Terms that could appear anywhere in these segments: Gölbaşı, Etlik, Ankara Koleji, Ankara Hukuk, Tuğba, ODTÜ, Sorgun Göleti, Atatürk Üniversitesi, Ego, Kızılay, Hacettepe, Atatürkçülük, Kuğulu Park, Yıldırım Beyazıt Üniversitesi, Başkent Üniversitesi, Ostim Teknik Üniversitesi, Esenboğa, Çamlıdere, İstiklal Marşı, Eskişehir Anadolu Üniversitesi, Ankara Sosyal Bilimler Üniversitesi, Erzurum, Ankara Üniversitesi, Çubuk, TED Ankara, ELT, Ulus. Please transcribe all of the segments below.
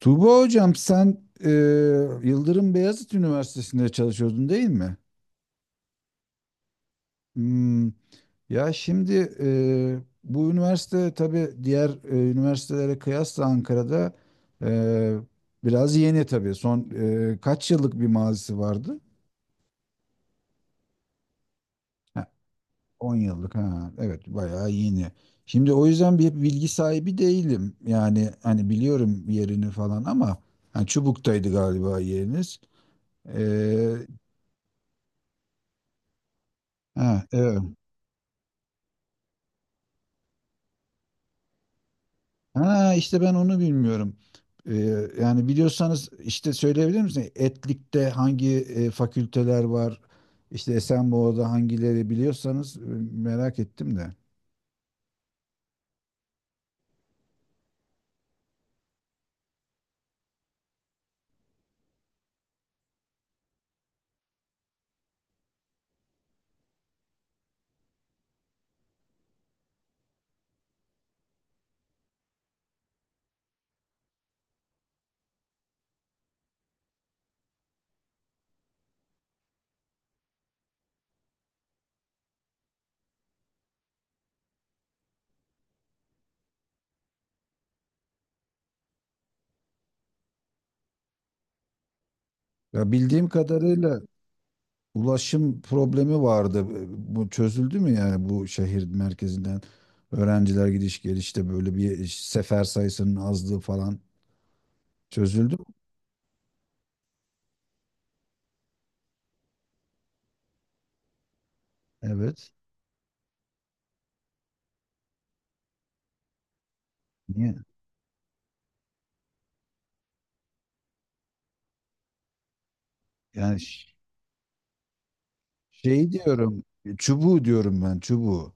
Tuğba hocam sen e, Yıldırım Beyazıt Üniversitesi'nde çalışıyordun değil mi? Hmm, Ya şimdi bu üniversite tabii diğer üniversitelere kıyasla Ankara'da e, biraz yeni tabii. Son kaç yıllık bir mazisi vardı? Ha, 10 yıllık, ha, evet, bayağı yeni. Şimdi o yüzden bir bilgi sahibi değilim. Yani hani biliyorum yerini falan, ama ha, Çubuk'taydı galiba yeriniz. E, ha, evet. Ha, işte ben onu bilmiyorum. Ee, Yani biliyorsanız işte söyleyebilir misiniz? Etlik'te hangi fakülteler var? İşte Esenboğa'da hangileri biliyorsanız, merak ettim de. Ya bildiğim kadarıyla ulaşım problemi vardı. Bu çözüldü mü, yani bu şehir merkezinden öğrenciler gidiş gelişte böyle bir sefer sayısının azlığı falan çözüldü mü? Evet. Niye? Yani şey diyorum, çubuğu diyorum ben, çubuğu.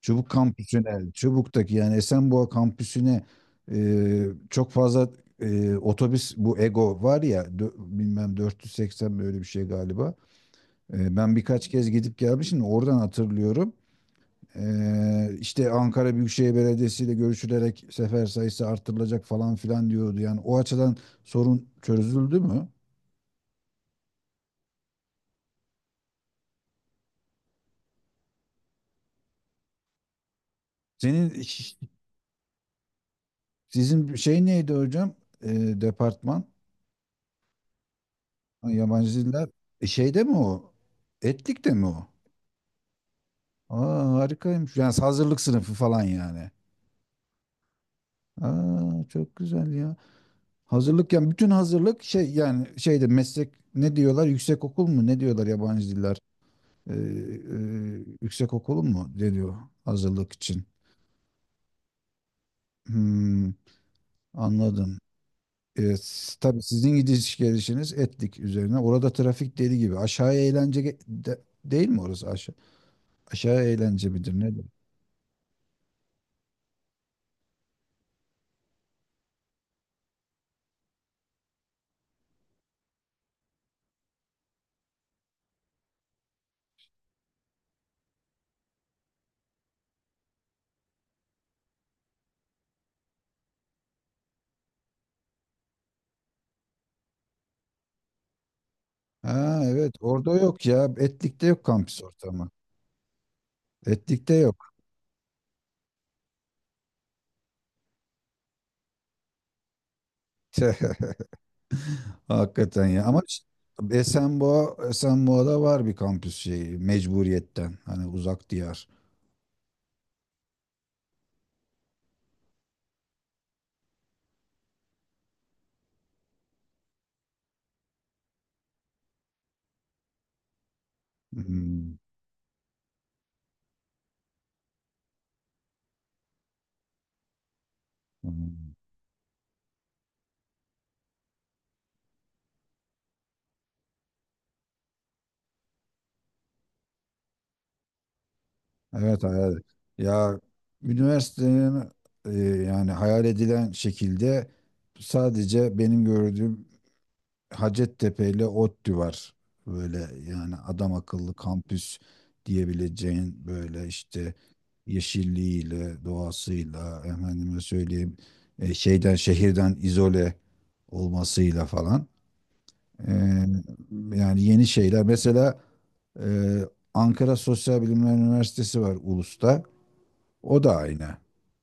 Çubuk kampüsüne, Çubuk'taki yani Esenboğa kampüsüne, e, çok fazla otobüs, bu Ego var ya, bilmem, 480 böyle bir şey galiba. Ben birkaç kez gidip gelmişim, oradan hatırlıyorum. İşte Ankara Büyükşehir Belediyesi ile görüşülerek sefer sayısı artırılacak falan filan diyordu. Yani o açıdan sorun çözüldü mü? Senin sizin şey neydi hocam? E, Departman, yabancı diller. Şeyde mi o? Etlik'te mi o? Aa, harikaymış. Yani hazırlık sınıfı falan yani. Aa, çok güzel ya. Hazırlık, yani bütün hazırlık şey, yani şeyde, meslek ne diyorlar? Yüksekokul mu? Ne diyorlar yabancı diller? Yüksekokul mu deniyor hazırlık için? Hmm, Anladım. Evet, tabii sizin gidiş gelişiniz etlik üzerine. Orada trafik deli gibi. Aşağıya eğlence değil mi orası aşağı? Aşağıya eğlence midir nedir? Ha, evet, orada yok ya. Etlik'te yok kampüs ortamı. Etlik'te yok. Hakikaten ya. Ama işte Esenboğa'da var bir kampüs şeyi mecburiyetten. Hani uzak diyar. Hmm, hmm. Evet, hayal. Ya üniversitenin, e, yani hayal edilen şekilde sadece benim gördüğüm Hacettepe ile ODTÜ var. Böyle, yani adam akıllı kampüs diyebileceğin, böyle işte yeşilliğiyle, doğasıyla, efendime söyleyeyim, şeyden, şehirden izole olmasıyla falan. E, Yani yeni şeyler. Mesela e, Ankara Sosyal Bilimler Üniversitesi var Ulus'ta. O da aynı.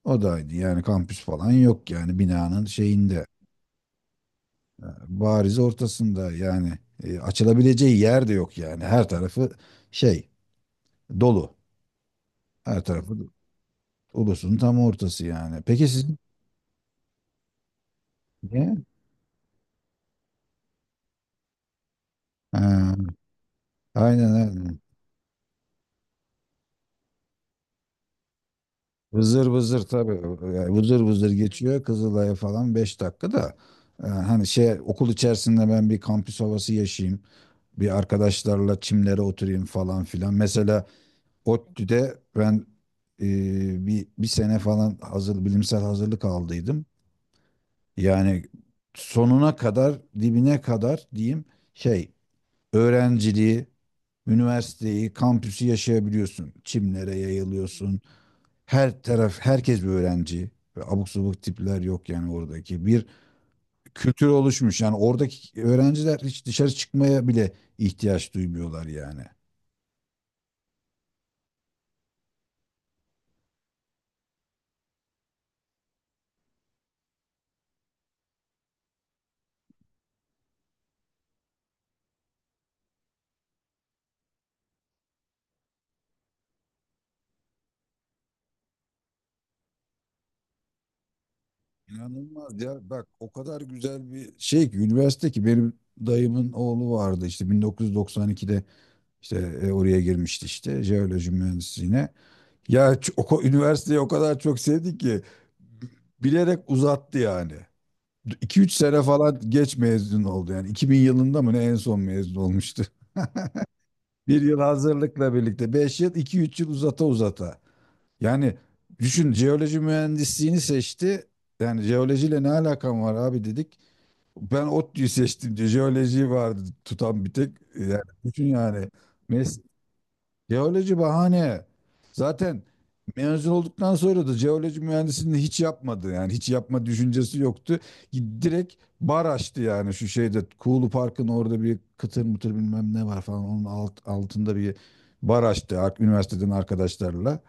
O da aynı. Yani kampüs falan yok, yani binanın şeyinde bariz ortasında, yani açılabileceği yer de yok, yani her tarafı şey dolu, her tarafı ulusun tam ortası, yani peki siz ne? Ha, aynen, aynen. Vızır vızır, tabii, yani vızır vızır geçiyor Kızılay'a falan, 5 dakika da hani şey, okul içerisinde ben bir kampüs havası yaşayayım, bir arkadaşlarla çimlere oturayım falan filan, mesela. ODTÜ'de ben e, bir sene falan hazır, bilimsel hazırlık aldıydım. Yani sonuna kadar, dibine kadar diyeyim, şey, öğrenciliği, üniversiteyi, kampüsü yaşayabiliyorsun. Çimlere yayılıyorsun. Her taraf, herkes bir öğrenci. Ve abuk subuk tipler yok yani oradaki. Bir kültür oluşmuş. Yani oradaki öğrenciler hiç dışarı çıkmaya bile ihtiyaç duymuyorlar yani. İnanılmaz ya. Bak, o kadar güzel bir şey ki üniversite ki, benim dayımın oğlu vardı işte 1992'de. İşte oraya girmişti, işte jeoloji mühendisliğine. Ya üniversiteyi o kadar çok sevdi ki bilerek uzattı yani. 2 üç sene falan geç mezun oldu yani. 2000 yılında mı ne en son mezun olmuştu. Bir yıl hazırlıkla birlikte 5 yıl, iki üç yıl uzata uzata. Yani düşün, jeoloji mühendisliğini seçti. Yani jeolojiyle ne alakam var abi, dedik. Ben ODTÜ'yü seçtim diye jeolojiyi vardı tutan, bir tek. Yani düşün yani. Jeoloji bahane. Zaten mezun olduktan sonra da jeoloji mühendisliğini hiç yapmadı. Yani hiç yapma düşüncesi yoktu. Direkt bar açtı yani, şu şeyde, Kuğulu Park'ın orada bir kıtır mıtır bilmem ne var falan. Onun altında bir bar açtı, üniversiteden arkadaşlarla.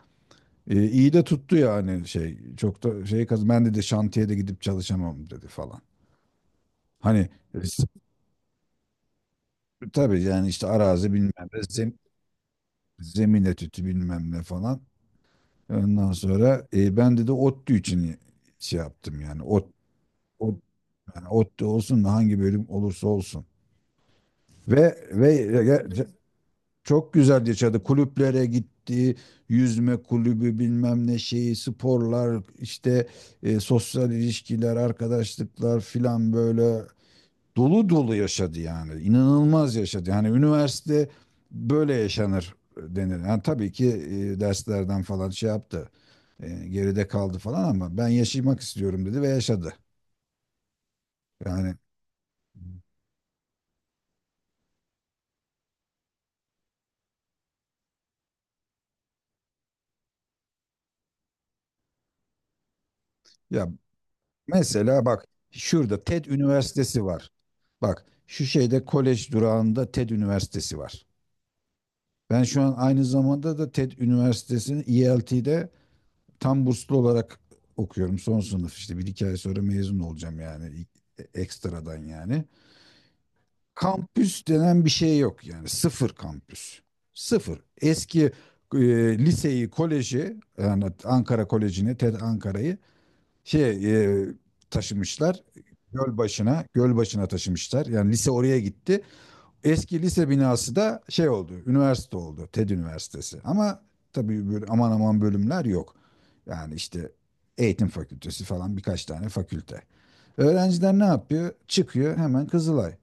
İyi de tuttu yani, şey. Çok da şey, kaz ben dedi, şantiyede gidip çalışamam dedi falan. Hani tabii yani, işte arazi bilmem ne zemin etüdü bilmem ne falan. Ondan sonra ben de ODTÜ için şey yaptım yani. Ot, yani ODTÜ olsun da hangi bölüm olursa olsun. Ve ge- çok güzel yaşadı. Kulüplere gitti. Yüzme kulübü bilmem ne, şeyi, sporlar, işte sosyal ilişkiler, arkadaşlıklar filan, böyle dolu dolu yaşadı yani. İnanılmaz yaşadı. Yani üniversite böyle yaşanır denir. Yani tabii ki derslerden falan şey yaptı, geride kaldı falan, ama ben yaşamak istiyorum dedi ve yaşadı. Yani, ya mesela bak, şurada TED Üniversitesi var. Bak şu şeyde, kolej durağında, TED Üniversitesi var. Ben şu an aynı zamanda da TED Üniversitesi'nin ELT'de tam burslu olarak okuyorum. Son sınıf, işte bir iki ay sonra mezun olacağım yani, ekstradan yani. Kampüs denen bir şey yok yani, sıfır kampüs. Sıfır. Eski e, liseyi, koleji, yani Ankara Koleji'ni, TED Ankara'yı, şey, e, taşımışlar. Gölbaşı'na, Gölbaşı'na taşımışlar. Yani lise oraya gitti. Eski lise binası da şey oldu, üniversite oldu. TED Üniversitesi. Ama tabii böyle aman aman bölümler yok. Yani işte eğitim fakültesi falan, birkaç tane fakülte. Öğrenciler ne yapıyor? Çıkıyor hemen Kızılay.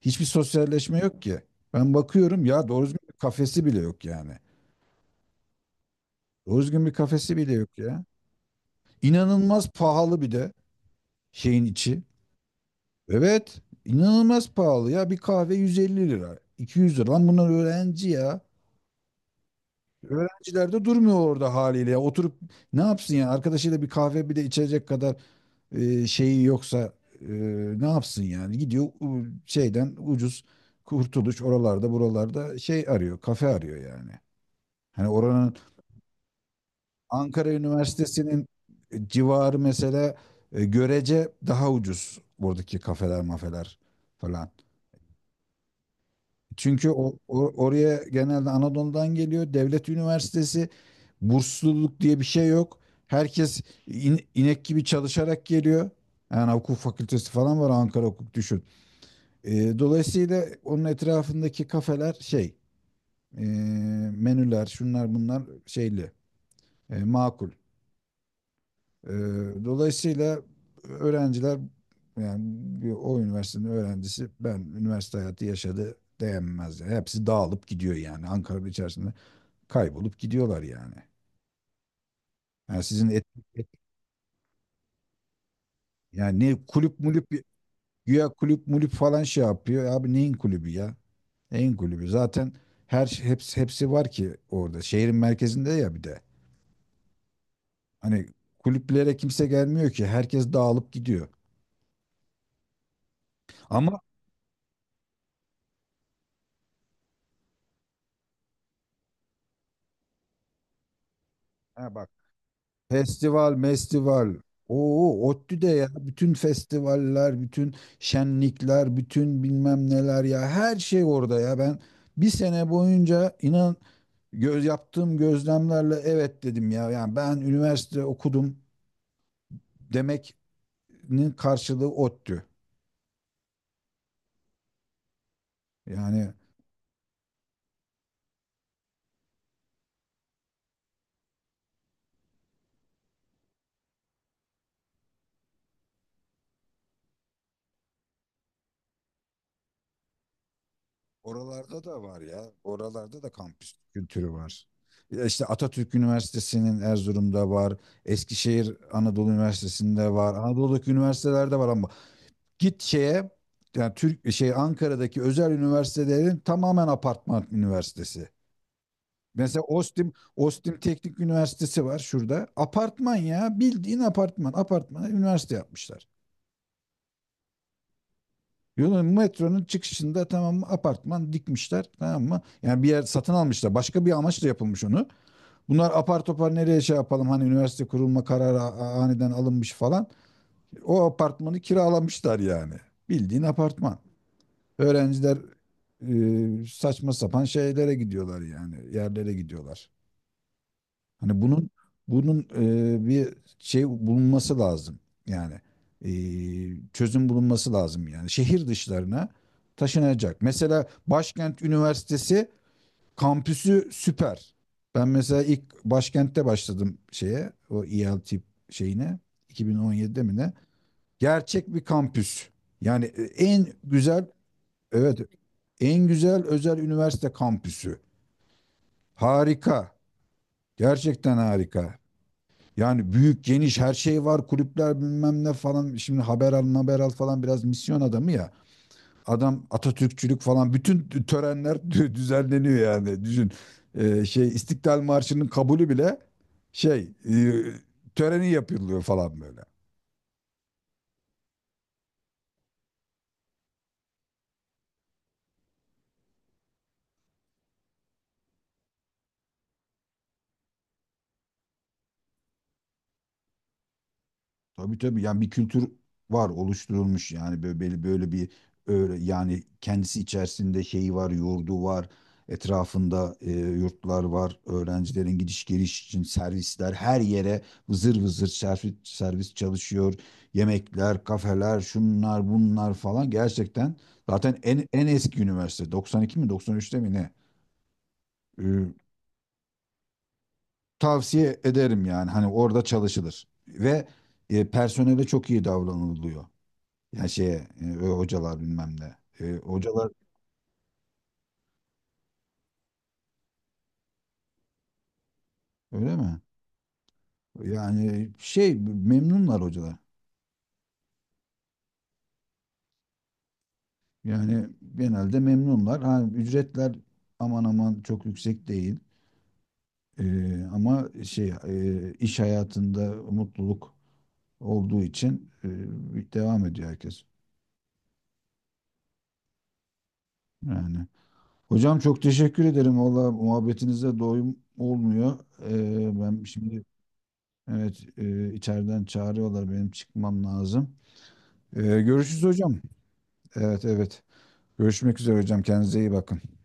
Hiçbir sosyalleşme yok ki. Ben bakıyorum ya, doğru düzgün bir kafesi bile yok yani. Doğru düzgün bir kafesi bile yok ya. İnanılmaz pahalı bir de şeyin içi. Evet, inanılmaz pahalı ya. Bir kahve 150 lira, 200 lira. Lan bunlar öğrenci ya. Öğrenciler de durmuyor orada haliyle ya. Oturup ne yapsın ya? Arkadaşıyla bir kahve bir de içecek kadar şeyi yoksa, e, ne yapsın yani? Gidiyor şeyden ucuz, kurtuluş oralarda buralarda şey arıyor, kafe arıyor yani. Hani oranın, Ankara Üniversitesi'nin civarı mesela, görece daha ucuz buradaki kafeler mafeler falan. Çünkü oraya genelde Anadolu'dan geliyor. Devlet üniversitesi, bursluluk diye bir şey yok. Herkes inek gibi çalışarak geliyor. Yani hukuk fakültesi falan var, Ankara Hukuk, düşün. Dolayısıyla onun etrafındaki kafeler, şey, e, menüler, şunlar bunlar, şeyli, makul. Ee, Dolayısıyla öğrenciler yani, o üniversitenin öğrencisi, ben üniversite hayatı yaşadı diyemez yani. Hepsi dağılıp gidiyor yani, Ankara'nın içerisinde kaybolup gidiyorlar yani. Yani et- ne kulüp mulüp, güya kulüp mulüp falan şey yapıyor. Abi, neyin kulübü ya? Neyin kulübü? Zaten hepsi hepsi var ki orada. Şehrin merkezinde ya bir de. Hani kulüplere kimse gelmiyor ki. Herkes dağılıp gidiyor. Ama ha, bak, festival, mestival. Oo, ODTÜ'de ya, bütün festivaller, bütün şenlikler, bütün bilmem neler ya, her şey orada ya. Ben bir sene boyunca, inan, yaptığım gözlemlerle evet dedim ya. Yani ben üniversite okudum demek'nin karşılığı ODTÜ. Yani oralarda da var ya. Oralarda da kampüs kültürü var. Ya İşte Atatürk Üniversitesi'nin Erzurum'da var. Eskişehir Anadolu Üniversitesi'nde var. Anadolu'daki üniversitelerde var, ama git şeye, yani Türk şey, Ankara'daki özel üniversitelerin tamamen apartman üniversitesi. Mesela Ostim Teknik Üniversitesi var şurada. Apartman ya, bildiğin apartman. Apartmana üniversite yapmışlar. Yolun, metronun çıkışında, tamam mı, apartman dikmişler, tamam mı? Yani bir yer satın almışlar. Başka bir amaçla yapılmış onu. Bunlar apar topar, nereye şey yapalım, hani üniversite kurulma kararı aniden alınmış falan. O apartmanı kiralamışlar yani. Bildiğin apartman. Öğrenciler saçma sapan şeylere gidiyorlar yani, yerlere gidiyorlar. Hani bunun, bunun bir şey bulunması lazım, yani e, çözüm bulunması lazım, yani şehir dışlarına taşınacak. Mesela Başkent Üniversitesi kampüsü süper. Ben mesela ilk başkentte başladım şeye, o ELT şeyine, 2017'de mi ne? Gerçek bir kampüs. Yani en güzel. Evet. En güzel özel üniversite kampüsü. Harika. Gerçekten harika. Yani büyük, geniş, her şey var. Kulüpler bilmem ne falan. Şimdi haber al, haber al falan, biraz misyon adamı ya. Adam Atatürkçülük falan. Bütün törenler düzenleniyor yani. Düşün. Şey, İstiklal Marşı'nın kabulü bile şey, e, töreni yapılıyor falan böyle. Tabii tabii yani, bir kültür var, oluşturulmuş yani, böyle böyle bir, öyle yani, kendisi içerisinde şeyi var, yurdu var, etrafında yurtlar var, öğrencilerin gidiş geliş için servisler her yere vızır vızır, servis, servis çalışıyor, yemekler, kafeler, şunlar bunlar falan, gerçekten, zaten en eski üniversite, 92 mi, 93'te mi ne? Ee, Tavsiye ederim yani, hani orada çalışılır ve personele çok iyi davranılıyor. Ya şeye hocalar bilmem ne. Hocalar öyle mi? Yani şey, memnunlar hocalar. Yani genelde memnunlar. Ha, ücretler aman aman çok yüksek değil. E, Ama şey, iş hayatında mutluluk olduğu için devam ediyor herkes. Yani. Hocam çok teşekkür ederim. Valla muhabbetinize doyum olmuyor. Ben şimdi, evet, içeriden çağırıyorlar. Benim çıkmam lazım. Görüşürüz hocam. Evet, evet. Görüşmek üzere hocam. Kendinize iyi bakın.